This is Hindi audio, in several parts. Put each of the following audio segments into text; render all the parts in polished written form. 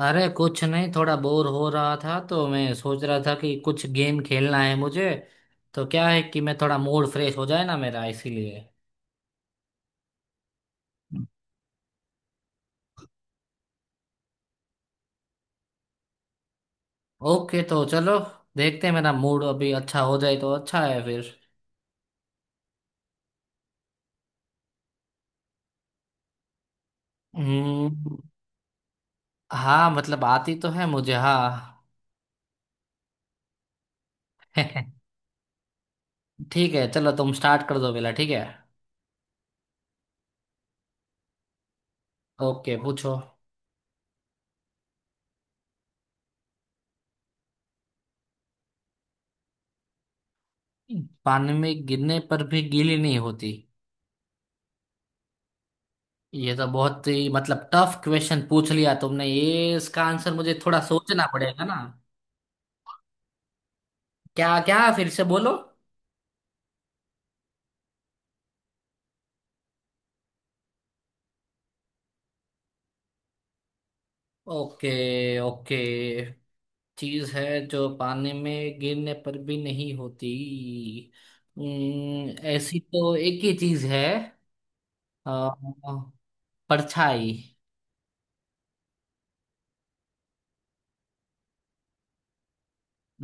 अरे कुछ नहीं, थोड़ा बोर हो रहा था तो मैं सोच रहा था कि कुछ गेम खेलना है मुझे। तो क्या है कि मैं, थोड़ा मूड फ्रेश हो जाए ना मेरा, इसीलिए। ओके तो चलो, देखते हैं मेरा मूड अभी अच्छा हो जाए तो अच्छा है फिर। हम्म। हाँ मतलब आती तो है मुझे, हाँ। ठीक है चलो, तुम स्टार्ट कर दो पहला, ठीक है। ओके पूछो। पानी में गिरने पर भी गीली नहीं होती। ये तो बहुत ही मतलब टफ क्वेश्चन पूछ लिया तुमने, ये इसका आंसर मुझे थोड़ा सोचना पड़ेगा ना। क्या क्या फिर से बोलो। Okay okay. चीज है जो पानी में गिरने पर भी नहीं होती। ऐसी तो एक ही चीज है। अ, परछाई।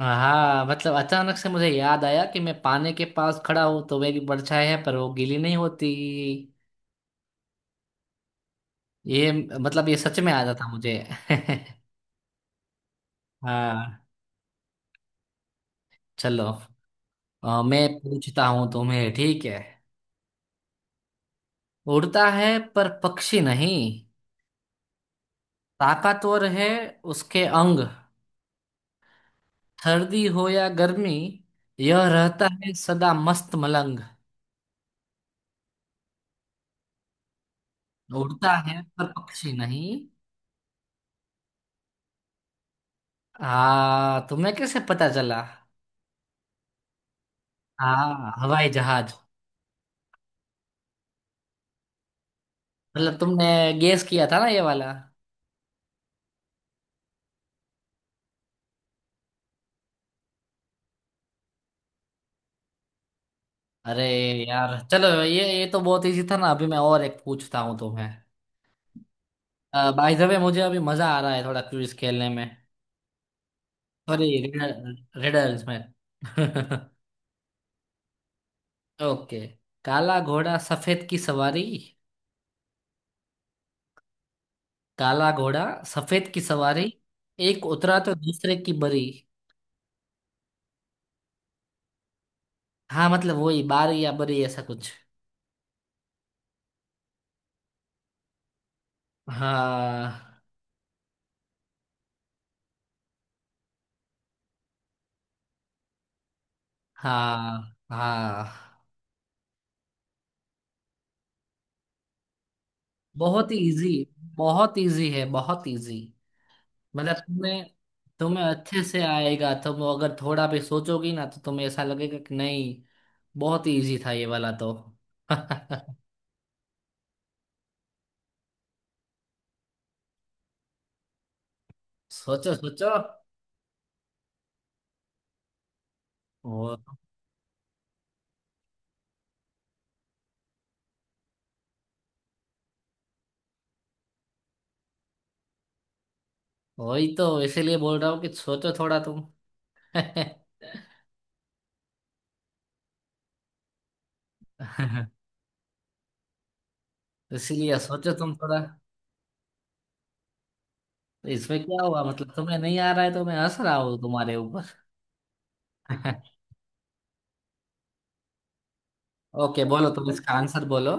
हाँ मतलब अचानक से मुझे याद आया कि मैं पानी के पास खड़ा हूं तो मेरी परछाई है पर वो गीली नहीं होती। ये मतलब ये सच में आ जाता मुझे। हाँ चलो, मैं पूछता हूँ तुम्हें, ठीक है। उड़ता है पर पक्षी नहीं, ताकतवर है उसके अंग। सर्दी हो या गर्मी, यह रहता है सदा मस्त मलंग। उड़ता है पर पक्षी नहीं। हाँ तुम्हें कैसे पता चला। हाँ हवाई जहाज। मतलब तुमने गेस किया था ना ये वाला। अरे यार चलो, ये तो बहुत इजी था ना। अभी मैं और एक पूछता हूँ तुम्हें। बाय द वे मुझे अभी मजा आ रहा है थोड़ा क्विज खेलने में। सॉरी, रिडल्स में। ओके। काला घोड़ा सफेद की सवारी। काला घोड़ा सफेद की सवारी, एक उतरा तो दूसरे की बरी। हाँ मतलब वही बारी या बरी ऐसा कुछ। हाँ हाँ हाँ। बहुत ही इजी, बहुत इजी है, बहुत इजी। मतलब तुम्हें तुम्हें अच्छे से आएगा, तुम अगर थोड़ा भी सोचोगी ना तो तुम्हें ऐसा लगेगा कि नहीं, बहुत ही इजी था ये वाला तो। सोचो सोचो। वो वही तो इसीलिए बोल रहा हूँ कि सोचो थोड़ा तुम। इसीलिए सोचो तुम थोड़ा। तो इसमें क्या हुआ, मतलब तुम्हें नहीं आ रहा है तो मैं हंस रहा हूँ तुम्हारे ऊपर। ओके बोलो, तुम इसका आंसर बोलो।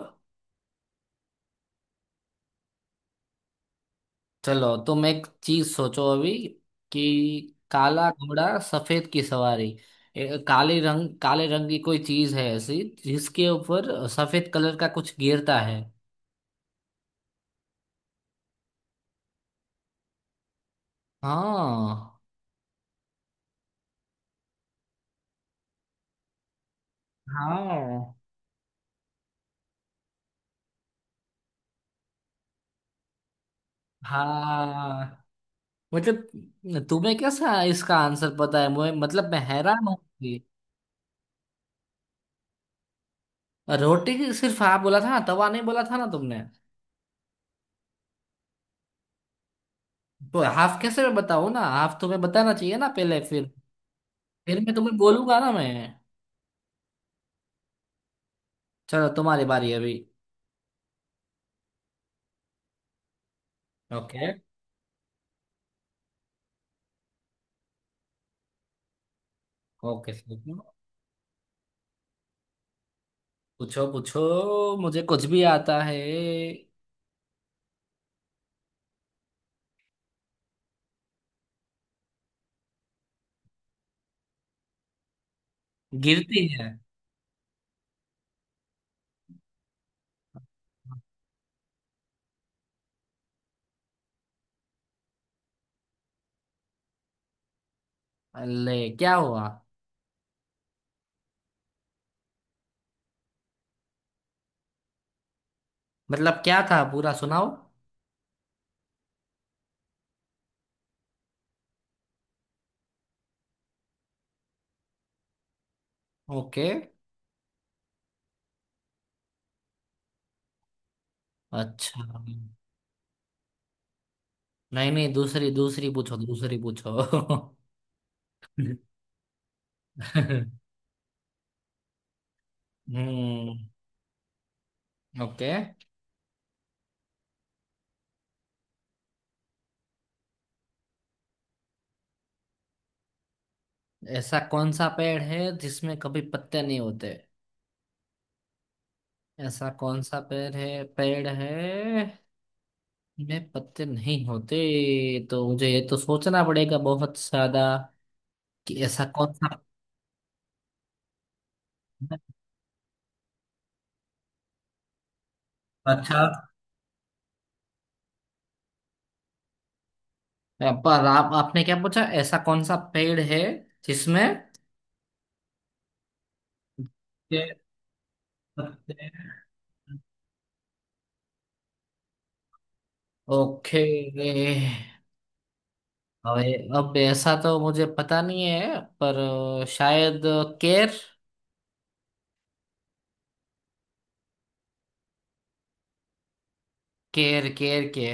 चलो तुम एक चीज सोचो अभी, कि काला घोड़ा सफेद की सवारी। काले रंग, काले रंग की कोई चीज है ऐसी जिसके ऊपर सफेद कलर का कुछ गिरता है। हाँ हाँ हाँ। मतलब तुम्हें कैसा इसका आंसर पता है मुझे, मतलब मैं हैरान हूँ कि। रोटी सिर्फ हाँ बोला था ना, तवा नहीं बोला था ना तुमने। तो हाफ कैसे मैं बताऊँ ना, हाफ तुम्हें बताना चाहिए ना पहले, फिर मैं तुम्हें बोलूंगा ना मैं। चलो तुम्हारी बारी अभी। Okay okay sir. पूछो पूछो, मुझे कुछ भी आता है। गिरती है। अल्ले क्या हुआ। मतलब क्या था पूरा सुनाओ। ओके। अच्छा। नहीं नहीं, दूसरी दूसरी पूछो, दूसरी पूछो। हम्म। ओके। ऐसा कौन सा पेड़ है जिसमें कभी पत्ते नहीं होते। ऐसा कौन सा पेड़ है, पेड़ है में पत्ते नहीं होते। तो मुझे ये तो सोचना पड़ेगा बहुत ज्यादा, कि ऐसा कौन सा। अच्छा। पर आप आपने क्या पूछा, ऐसा कौन सा पेड़ है जिसमें के पत्ते। ओके। अब ऐसा तो मुझे पता नहीं है पर शायद, केर केर केर के।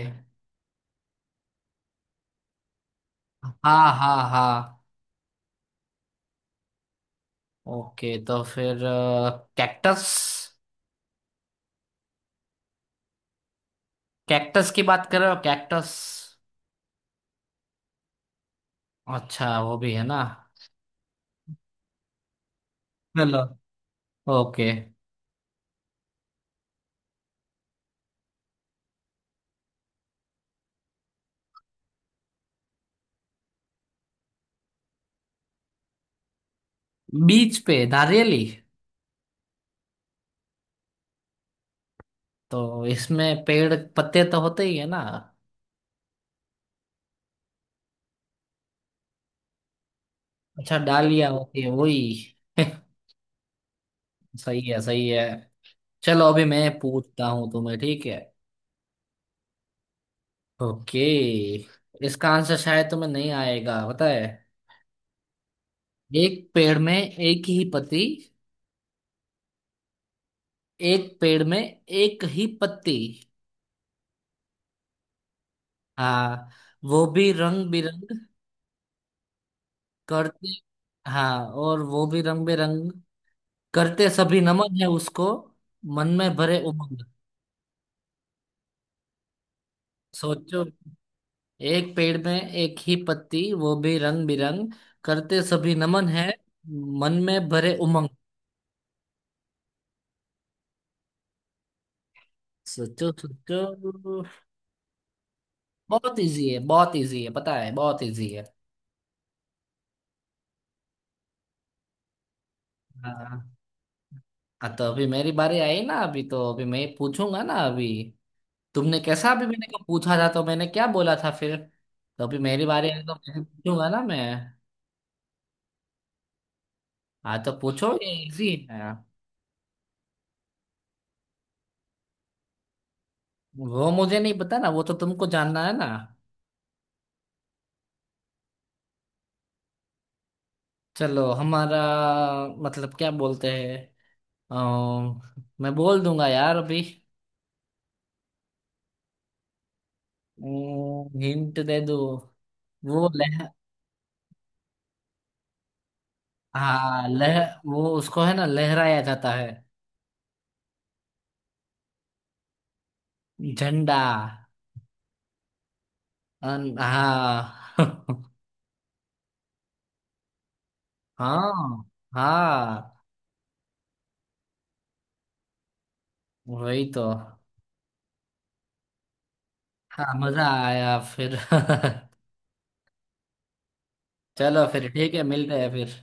हाँ हाँ हाँ। ओके तो फिर कैक्टस। कैक्टस की बात कर रहे हो, कैक्टस। अच्छा वो भी है ना। हेलो। ओके। बीच पे नारियली। तो इसमें पेड़ पत्ते तो होते ही है ना। अच्छा डालियाँ होती है वही। सही है, सही है। चलो अभी मैं पूछता हूँ तुम्हें, ठीक है। ओके। इसका आंसर शायद तुम्हें नहीं आएगा पता है। एक पेड़ में एक ही पत्ती। एक पेड़ में एक ही पत्ती। हाँ। वो भी रंग बिरंग करते। हाँ और वो भी रंग बेरंग करते, सभी नमन है उसको, मन में भरे उमंग। सोचो। एक पेड़ में एक ही पत्ती, वो भी रंग बिरंग, करते सभी नमन है, मन में भरे उमंग। सोचो सोचो। बहुत इजी है, बहुत इजी है पता है, बहुत इजी है। हाँ। हाँ, तो अभी मेरी बारी आई ना अभी, तो अभी मैं पूछूंगा ना अभी। तुमने कैसा अभी मैंने को पूछा था तो मैंने क्या बोला था फिर। तो अभी मेरी बारी आई तो मैं पूछूंगा ना मैं। हाँ तो पूछो, ये इजी है। वो मुझे नहीं पता ना, वो तो तुमको जानना है ना। चलो हमारा मतलब क्या बोलते हैं, अम, मैं बोल दूंगा यार अभी। हिंट दे दो। वो लह। हाँ लह वो उसको है ना लहराया जाता है। झंडा। हाँ। हाँ हाँ वही तो। हाँ मजा आया फिर। चलो फिर ठीक है, मिलते हैं फिर।